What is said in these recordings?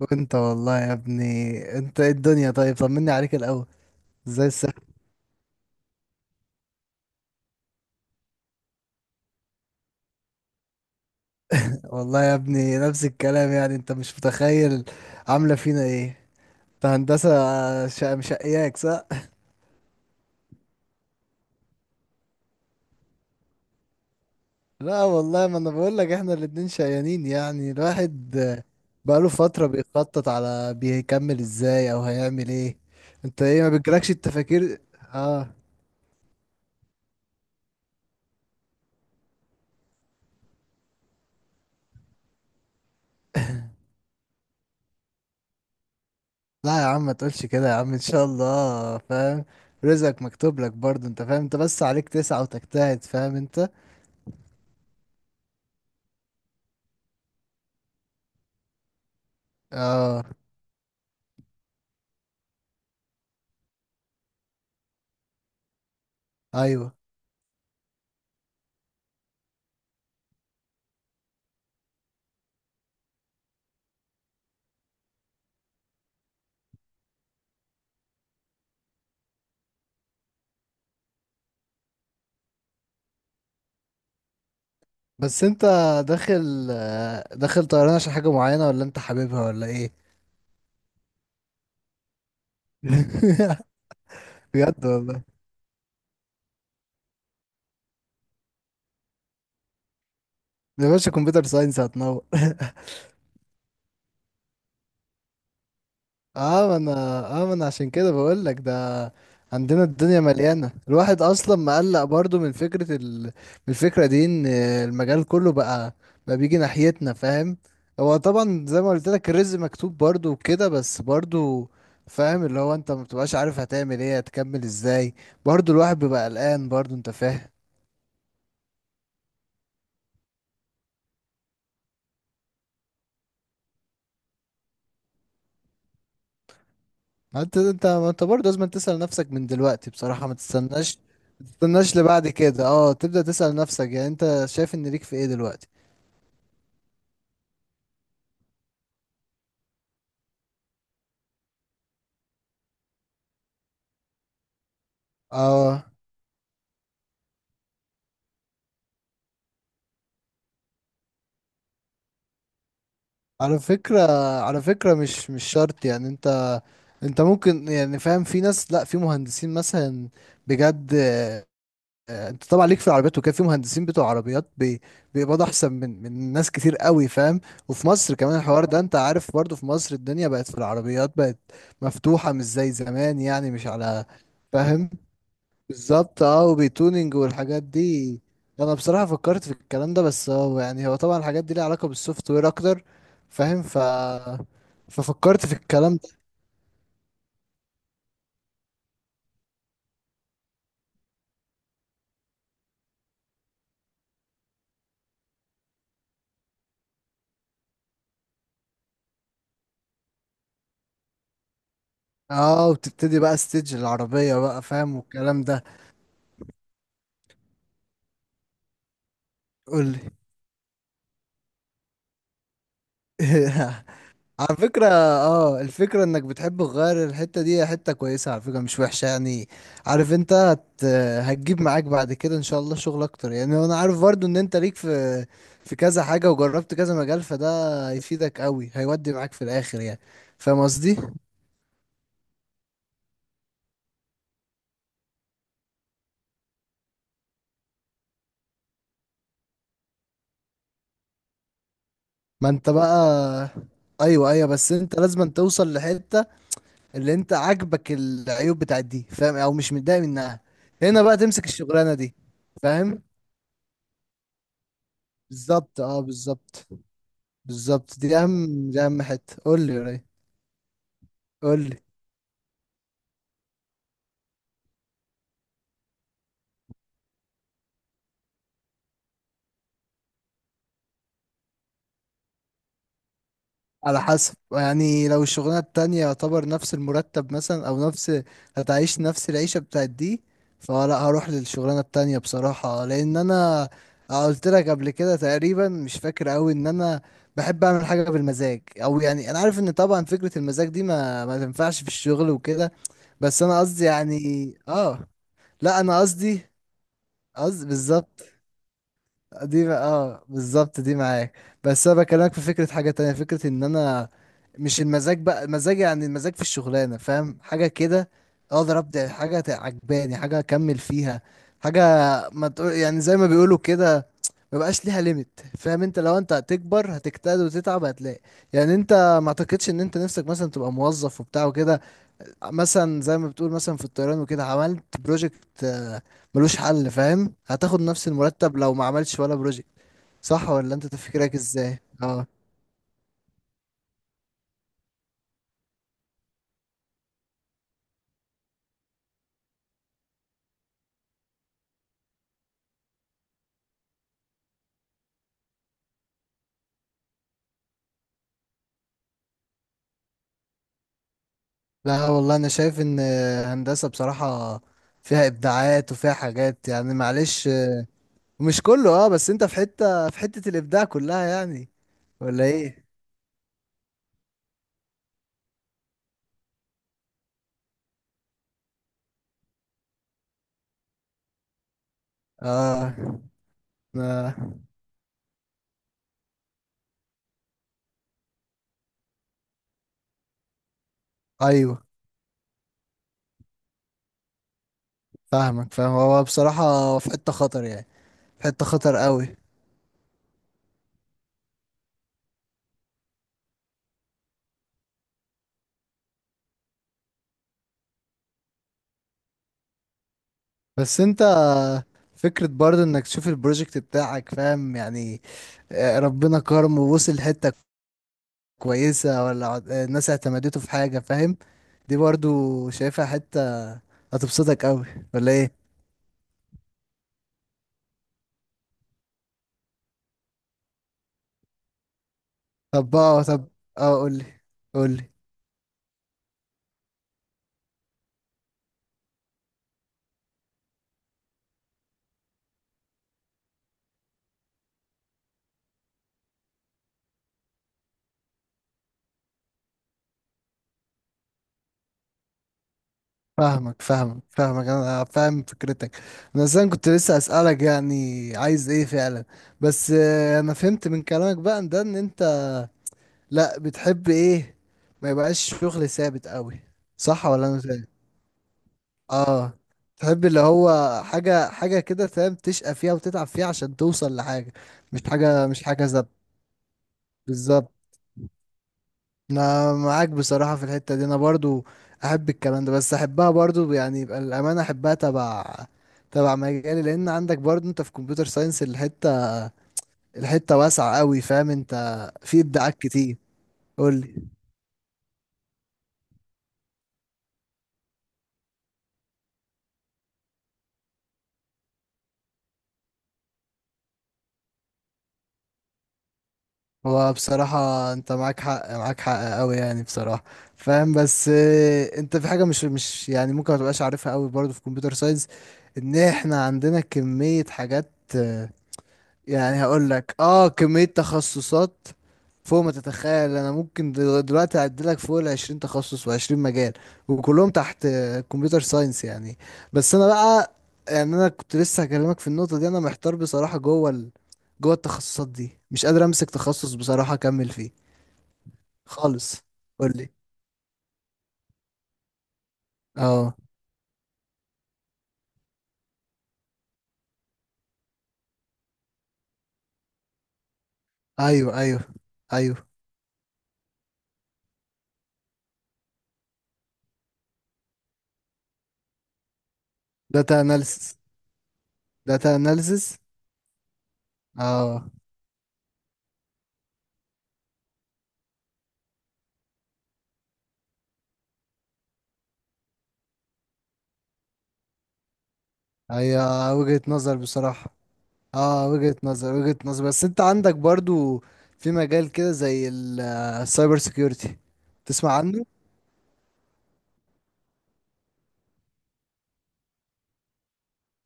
وانت والله يا ابني. انت ايه الدنيا؟ طيب طمني عليك الاول. ازاي السنة؟ والله يا ابني نفس الكلام، يعني انت مش متخيل عاملة فينا ايه. انت هندسة، مشقياك صح؟ لا والله، ما انا بقول لك احنا الاتنين شقيانين، يعني الواحد بقاله فترة بيخطط على بيكمل ازاي او هيعمل ايه. انت ايه، ما بتجيلكش التفاكير؟ اه. لا يا عم ما تقولش كده يا عم، ان شاء الله فاهم، رزقك مكتوب لك برضه انت فاهم، انت بس عليك تسعى وتجتهد فاهم انت. اه. ايوه، بس انت داخل داخل طيران عشان حاجة معينة، ولا انت حاببها ولا ايه؟ بجد والله، يا باشا كمبيوتر ساينس هتنور. اه ما انا، اه ما انا عشان كده بقول لك ده. عندنا الدنيا مليانه، الواحد اصلا مقلق برضو من فكره من الفكره دي ان المجال كله بقى، بقى بيجي ناحيتنا فاهم. هو طبعا زي ما قلت لك الرزق مكتوب برضو وكده، بس برضو فاهم، اللي هو انت ما بتبقاش عارف هتعمل ايه هتكمل ازاي. برضو الواحد بيبقى قلقان برضو انت فاهم. انت ما انت برضو لازم تسأل نفسك من دلوقتي بصراحه، ما تستناش، ما تستناش لبعد كده. اه، تبدأ تسأل نفسك يعني انت شايف ان ليك في ايه دلوقتي. اه. على فكرة، على فكرة مش شرط يعني انت، انت ممكن يعني فاهم، في ناس لا في مهندسين مثلا. بجد انت طبعا ليك في العربيات وكده، في مهندسين بتوع عربيات بيقبضوا احسن من ناس كتير قوي فاهم. وفي مصر كمان الحوار ده انت عارف، برضو في مصر الدنيا بقت في العربيات، بقت مفتوحة مش زي زمان يعني مش على فاهم. بالظبط، اه، وبيتونينج والحاجات دي. انا بصراحه فكرت في الكلام ده، بس هو يعني هو طبعا الحاجات دي ليها علاقه بالسوفت وير اكتر فاهم. ف ففكرت في الكلام ده. اه، وبتبتدي بقى ستيج العربيه بقى فاهم والكلام ده. قول لي. على فكرة اه، الفكرة انك بتحب تغير الحتة دي هي حتة كويسة على فكرة، مش وحشة يعني. عارف انت هتجيب معاك بعد كده ان شاء الله شغل اكتر، يعني انا عارف برضو ان انت ليك في في كذا حاجة وجربت كذا مجال، فده هيفيدك قوي، هيودي معاك في الاخر يعني. فاهم قصدي. ما انت بقى. ايوه ايوه، بس انت لازم أن توصل لحتة اللي انت عاجبك العيوب بتاعت دي فاهم، او مش متضايق منها. هنا بقى تمسك الشغلانة دي. فاهم. بالظبط اه، بالظبط. بالظبط، دي اهم، دي اهم حته. قول لي يا ري. قول لي. على حسب، يعني لو الشغلانه التانية يعتبر نفس المرتب مثلا، او نفس هتعيش نفس العيشه بتاعت دي، فلا هروح للشغلانه التانية بصراحه. لان انا قلت لك قبل كده تقريبا، مش فاكر قوي، ان انا بحب اعمل حاجه بالمزاج، او يعني انا عارف ان طبعا فكره المزاج دي ما تنفعش في الشغل وكده، بس انا قصدي يعني اه. لا انا قصدي، قصدي بالظبط، اه بالظبط دي معاك. بس انا بكلمك في فكره حاجه تانية، فكره ان انا مش المزاج بقى، المزاج يعني المزاج في الشغلانه فاهم، حاجه كده اقدر ابدع، حاجه عجباني، حاجه اكمل فيها، حاجه ما تقول، يعني زي ما بيقولوا كده ما بقاش ليها ليميت فاهم انت، لو انت هتكبر هتجتهد وتتعب هتلاقي، يعني انت ما اعتقدش ان انت نفسك مثلا تبقى موظف وبتاع وكده. مثلا زي ما بتقول مثلا في الطيران وكده، عملت بروجكت ملوش حل فاهم، هتاخد نفس المرتب لو ما عملتش ولا بروجكت. صح ولا انت تفكيرك ازاي؟ اه. لا والله انا شايف ان هندسة بصراحة فيها ابداعات وفيها حاجات يعني، معلش مش كله، اه، بس انت في حتة، في حتة الابداع كلها يعني، ولا ايه؟ اه. آه. ايوه. فاهمك فاهم، هو بصراحة في حتة خطر يعني، في حتة خطر قوي. بس انت فكرة برضه انك تشوف البروجكت بتاعك فاهم يعني، ربنا كرم ووصل حتة كويسة، ولا الناس اعتمدته في حاجة فاهم. دي برضه شايفها حتة هتبسطك قوي، ولا ايه؟ طب اه طب، اه قولي، قولي. فاهمك فاهمك فاهمك، انا فاهم فكرتك. انا اصلا كنت لسه اسألك يعني عايز ايه فعلا، بس انا فهمت من كلامك بقى ان ده ان انت لا بتحب ايه ما يبقاش شغل ثابت قوي، صح ولا انا؟ اه. تحب اللي هو حاجة، حاجة كده فاهم، تشقى فيها وتتعب فيها عشان توصل لحاجة، مش حاجة، مش حاجة بالظبط. انا معاك بصراحة في الحتة دي، انا برضو احب الكلام ده، بس احبها برضو يعني يبقى الامانة، احبها تبع تبع مجالي، لان عندك برضو انت في كمبيوتر ساينس الحتة، الحتة واسعة قوي فاهم انت، في ابداعات كتير. قولي. هو بصراحة انت معاك حق، معاك حق قوي يعني بصراحة فاهم، بس اه، انت في حاجة مش يعني ممكن ما تبقاش عارفها قوي برضو في كمبيوتر ساينس، ان احنا عندنا كمية حاجات. يعني هقول لك اه، كمية تخصصات فوق ما تتخيل، انا ممكن دلوقتي اعدلك فوق ال 20 تخصص و20 مجال، وكلهم تحت كمبيوتر ساينس يعني. بس انا بقى، يعني انا كنت لسه هكلمك في النقطة دي، انا محتار بصراحة جوه جوه التخصصات دي، مش قادر امسك تخصص بصراحة اكمل فيه خالص. قول لي. اه. ايوه ايوه ايوه. داتا اناليسس، داتا اناليسس. اه، هي وجهة نظر بصراحة. اه، وجهة نظر، وجهة نظر، بس انت عندك برضو في مجال كده زي السايبر سيكيورتي، تسمع عنه.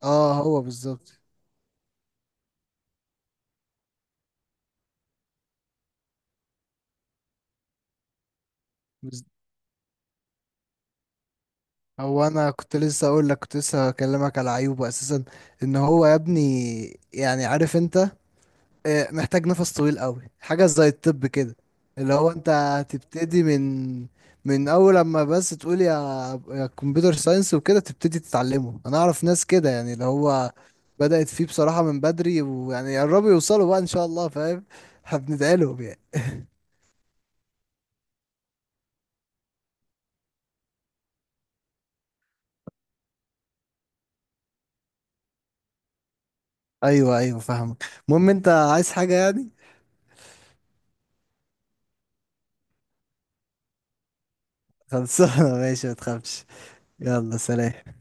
اه هو بالظبط. بز- هو انا كنت لسه اقول لك، كنت لسه اكلمك على عيوبه اساسا، ان هو يا ابني، يعني عارف انت، محتاج نفس طويل قوي، حاجة زي الطب كده. اللي هو انت هتبتدي من من اول لما بس تقول يا، يا كمبيوتر ساينس وكده تبتدي تتعلمه. انا اعرف ناس كده يعني، اللي هو بدأت فيه بصراحة من بدري، ويعني قربوا يوصلوا بقى ان شاء الله فاهم، هبندعي لهم يعني. ايوه ايوه فاهمك. المهم انت عايز حاجة يعني. خلصانة. ماشي ما تخافش. يلا سلام.